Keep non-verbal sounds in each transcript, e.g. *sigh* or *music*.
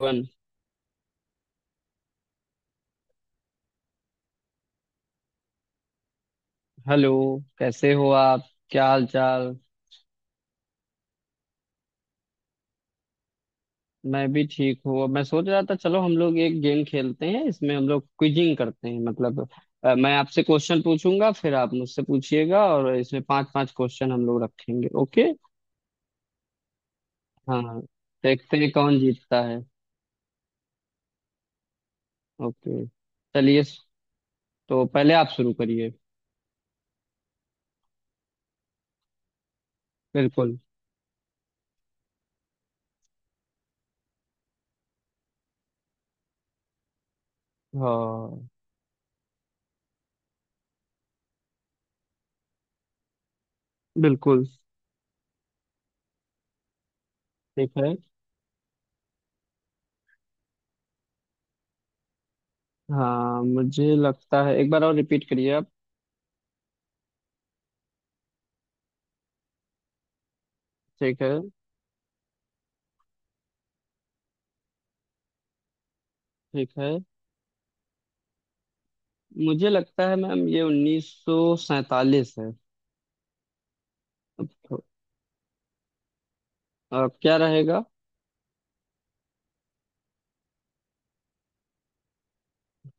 One. Hello. कैसे हो आप? क्या हाल चाल? मैं भी ठीक हूँ। मैं सोच रहा था चलो हम लोग एक गेम खेलते हैं, इसमें हम लोग क्विजिंग करते हैं, मतलब मैं आपसे क्वेश्चन पूछूंगा, फिर आप मुझसे पूछिएगा, और इसमें पांच पांच क्वेश्चन हम लोग रखेंगे। ओके। हाँ। देखते हैं कौन जीतता है। ओके। चलिए। तो पहले आप शुरू करिए। बिल्कुल। हाँ। बिल्कुल। ठीक है। हाँ, मुझे लगता है एक बार और रिपीट करिए आप। ठीक है। ठीक है। मुझे लगता है मैम ये 1947 है। अब तो- अब क्या रहेगा?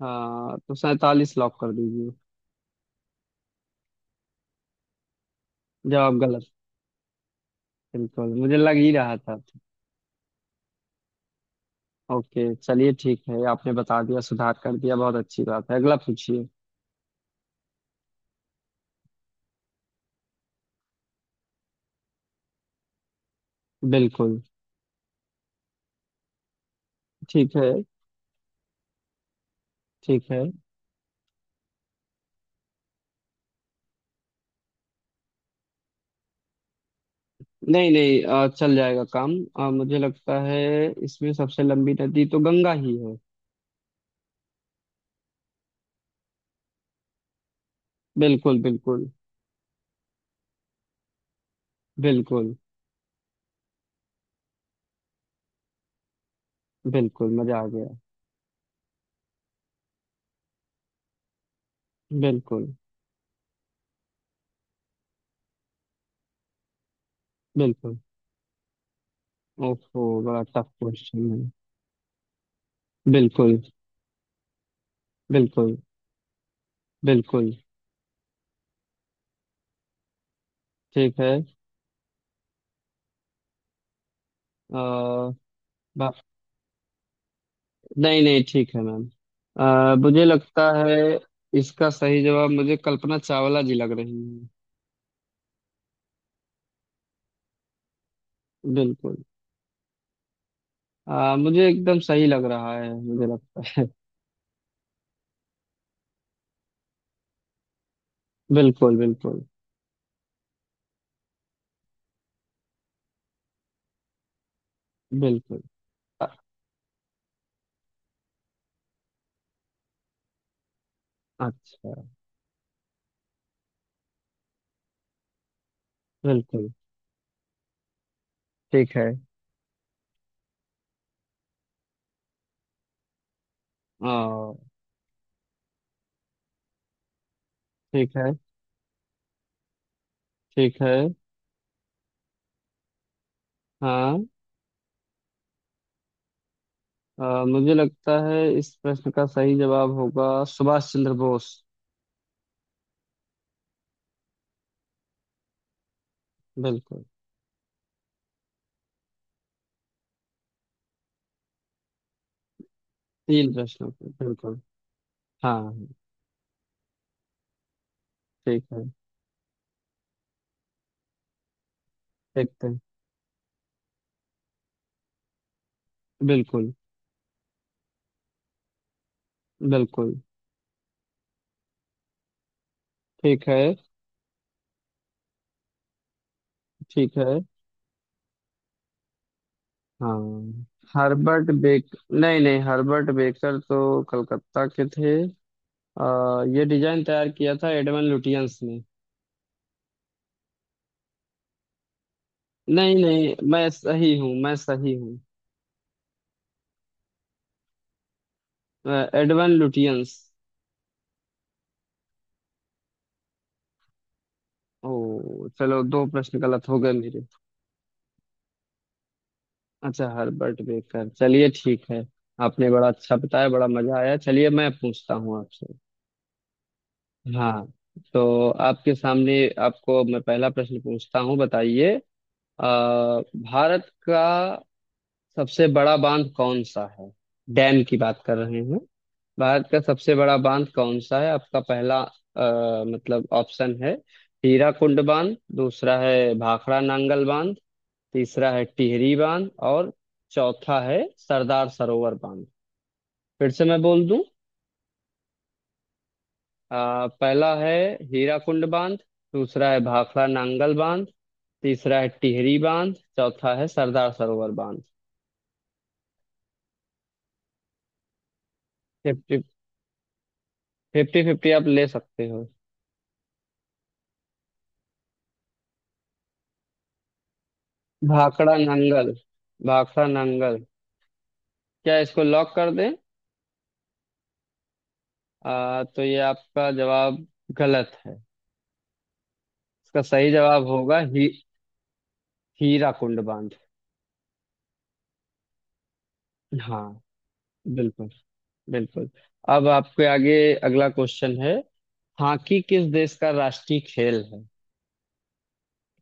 हाँ, तो 47 लॉक कर दीजिए। जवाब गलत। बिल्कुल, मुझे लग ही रहा था। ओके, चलिए, ठीक है। आपने बता दिया, सुधार कर दिया, बहुत अच्छी बात है। अगला पूछिए। बिल्कुल। ठीक है। ठीक है। नहीं नहीं, चल जाएगा काम। मुझे लगता है इसमें सबसे लंबी नदी तो गंगा ही है। बिल्कुल। बिल्कुल। बिल्कुल। बिल्कुल मजा आ गया। बिल्कुल। बिल्कुल। ओफो, बड़ा टफ क्वेश्चन है। बिल्कुल। बिल्कुल। बिल्कुल। ठीक है। बा- नहीं नहीं, ठीक है मैम। मुझे लगता है इसका सही जवाब मुझे कल्पना चावला जी लग रही है। बिल्कुल। मुझे एकदम सही लग रहा है, मुझे लगता है। बिल्कुल। बिल्कुल। बिल्कुल। अ- अच्छा। बिल्कुल। ठीक है। अ, ठीक है। ठीक है। हाँ, मुझे लगता है इस प्रश्न का सही जवाब होगा सुभाष चंद्र बोस। बिल्कुल। तीन प्रश्नों के, बिल्कुल। हाँ। ठीक है। देखते हैं। बिल्कुल। बिल्कुल। ठीक है। ठीक है। हाँ। हर्बर्ट बेक, नहीं नहीं, हर्बर्ट बेकर तो कलकत्ता के थे। ये डिजाइन तैयार किया था एडवन लुटियंस ने। नहीं नहीं, मैं सही हूँ, मैं सही हूँ। Edwin Lutyens. ओ, चलो दो प्रश्न गलत हो गए मेरे। अच्छा, हर्बर्ट बेकर, चलिए ठीक है। आपने बड़ा अच्छा बताया, बड़ा मजा आया। चलिए, मैं पूछता हूँ आपसे। हाँ। तो आपके सामने, आपको मैं पहला प्रश्न पूछता हूँ, बताइए। भारत का सबसे बड़ा बांध कौन सा है? डैम की बात कर रहे हैं। भारत का सबसे बड़ा बांध कौन सा है? आपका पहला, मतलब ऑप्शन है: हीराकुंड बांध, दूसरा है भाखड़ा नांगल बांध, तीसरा है टिहरी बांध और चौथा है सरदार सरोवर बांध। फिर से मैं बोल दूं। पहला है हीराकुंड बांध, दूसरा है भाखड़ा नांगल बांध, तीसरा है टिहरी बांध, चौथा है सरदार सरोवर बांध। फिफ्टी फिफ्टी फिफ्टी आप ले सकते हो। भाखड़ा नांगल। भाखड़ा नांगल। क्या इसको लॉक कर दें? तो ये आपका जवाब गलत है। इसका सही जवाब होगा ही हीराकुंड बांध। हाँ। बिल्कुल। बिल्कुल। अब आपके आगे अगला क्वेश्चन है। हॉकी किस देश का राष्ट्रीय खेल है?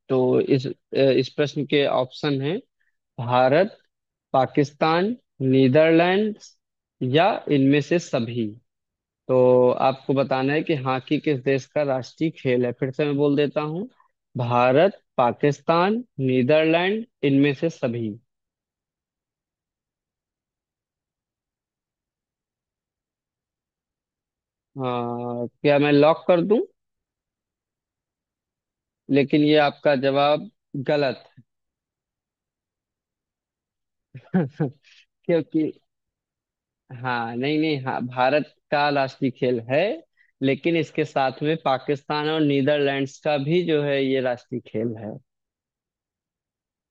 तो इस प्रश्न के ऑप्शन हैं: भारत, पाकिस्तान, नीदरलैंड, या इनमें से सभी। तो आपको बताना है कि हॉकी किस देश का राष्ट्रीय खेल है। फिर से मैं बोल देता हूँ। भारत, पाकिस्तान, नीदरलैंड, इनमें से सभी। अ, क्या मैं लॉक कर दूं? लेकिन ये आपका जवाब गलत। *laughs* क्योंकि, हाँ, नहीं नहीं, हाँ, भारत का राष्ट्रीय खेल है, लेकिन इसके साथ में पाकिस्तान और नीदरलैंड्स का भी जो है ये राष्ट्रीय खेल है।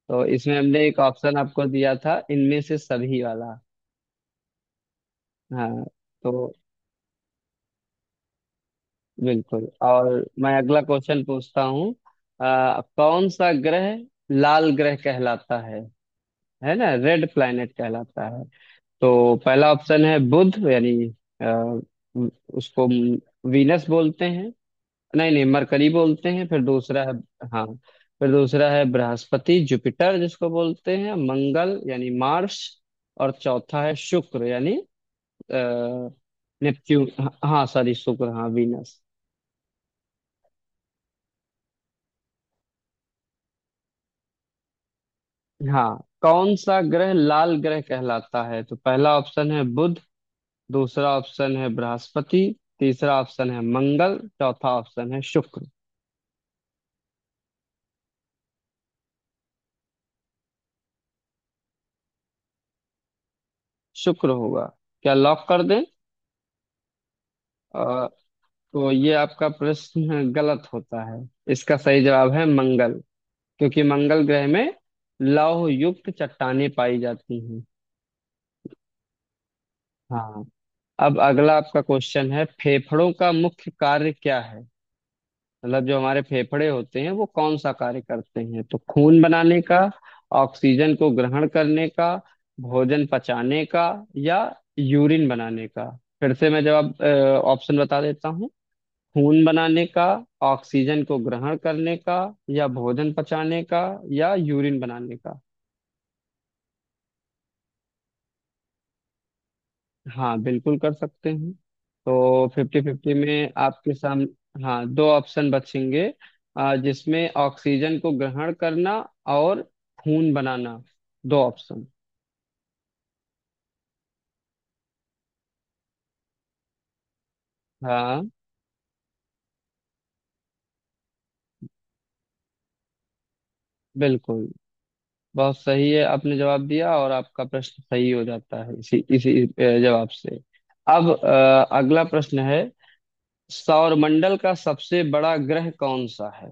तो इसमें हमने एक ऑप्शन आपको दिया था, इनमें से सभी वाला। हाँ। तो बिल्कुल। और मैं अगला क्वेश्चन पूछता हूँ। कौन सा ग्रह लाल ग्रह कहलाता है? है ना, रेड प्लैनेट कहलाता है। तो पहला ऑप्शन है बुध, यानी अ, उसको वीनस बोलते हैं, नहीं नहीं, मरकरी बोलते हैं। फिर दूसरा है। हाँ, फिर दूसरा है बृहस्पति, जुपिटर जिसको बोलते हैं। मंगल यानी मार्स, और चौथा है शुक्र, यानी अ, नेपच्यून। हाँ, सॉरी, शुक्र, हाँ, वीनस। हाँ। कौन सा ग्रह लाल ग्रह कहलाता है? तो पहला ऑप्शन है बुध, दूसरा ऑप्शन है बृहस्पति, तीसरा ऑप्शन है मंगल, चौथा ऑप्शन है शुक्र। शुक्र होगा? क्या लॉक कर दें? तो ये आपका प्रश्न गलत होता है। इसका सही जवाब है मंगल, क्योंकि मंगल ग्रह में लौह युक्त चट्टानें पाई जाती हैं। हाँ। अब अगला आपका क्वेश्चन है, फेफड़ों का मुख्य कार्य क्या है? मतलब जो हमारे फेफड़े होते हैं वो कौन सा कार्य करते हैं? तो खून बनाने का, ऑक्सीजन को ग्रहण करने का, भोजन पचाने का, या यूरिन बनाने का। फिर से मैं जवाब, ऑप्शन बता देता हूँ। खून बनाने का, ऑक्सीजन को ग्रहण करने का, या भोजन पचाने का, या यूरिन बनाने का। हाँ, बिल्कुल कर सकते हैं। तो फिफ्टी फिफ्टी में आपके सामने। हाँ, दो ऑप्शन बचेंगे, जिसमें ऑक्सीजन को ग्रहण करना और खून बनाना, दो ऑप्शन। हाँ। बिल्कुल। बहुत सही है, आपने जवाब दिया और आपका प्रश्न सही हो जाता है इसी इसी जवाब से। अब अगला प्रश्न है। सौरमंडल का सबसे बड़ा ग्रह कौन सा है?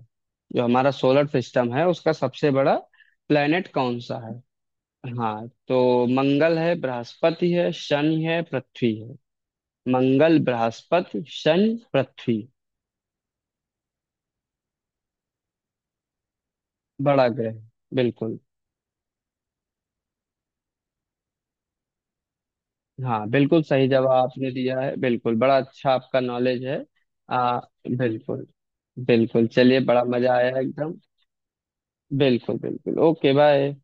जो हमारा सोलर सिस्टम है, उसका सबसे बड़ा प्लेनेट कौन सा है? हाँ। तो मंगल है, बृहस्पति है, शनि है, पृथ्वी है। मंगल, बृहस्पति, शनि, पृथ्वी। बड़ा ग्रह। बिल्कुल। हाँ, बिल्कुल सही जवाब आपने दिया है, बिल्कुल। बड़ा अच्छा आपका नॉलेज है। आ, बिल्कुल। बिल्कुल, चलिए, बड़ा मजा आया एकदम। बिल्कुल। बिल्कुल। Okay, bye.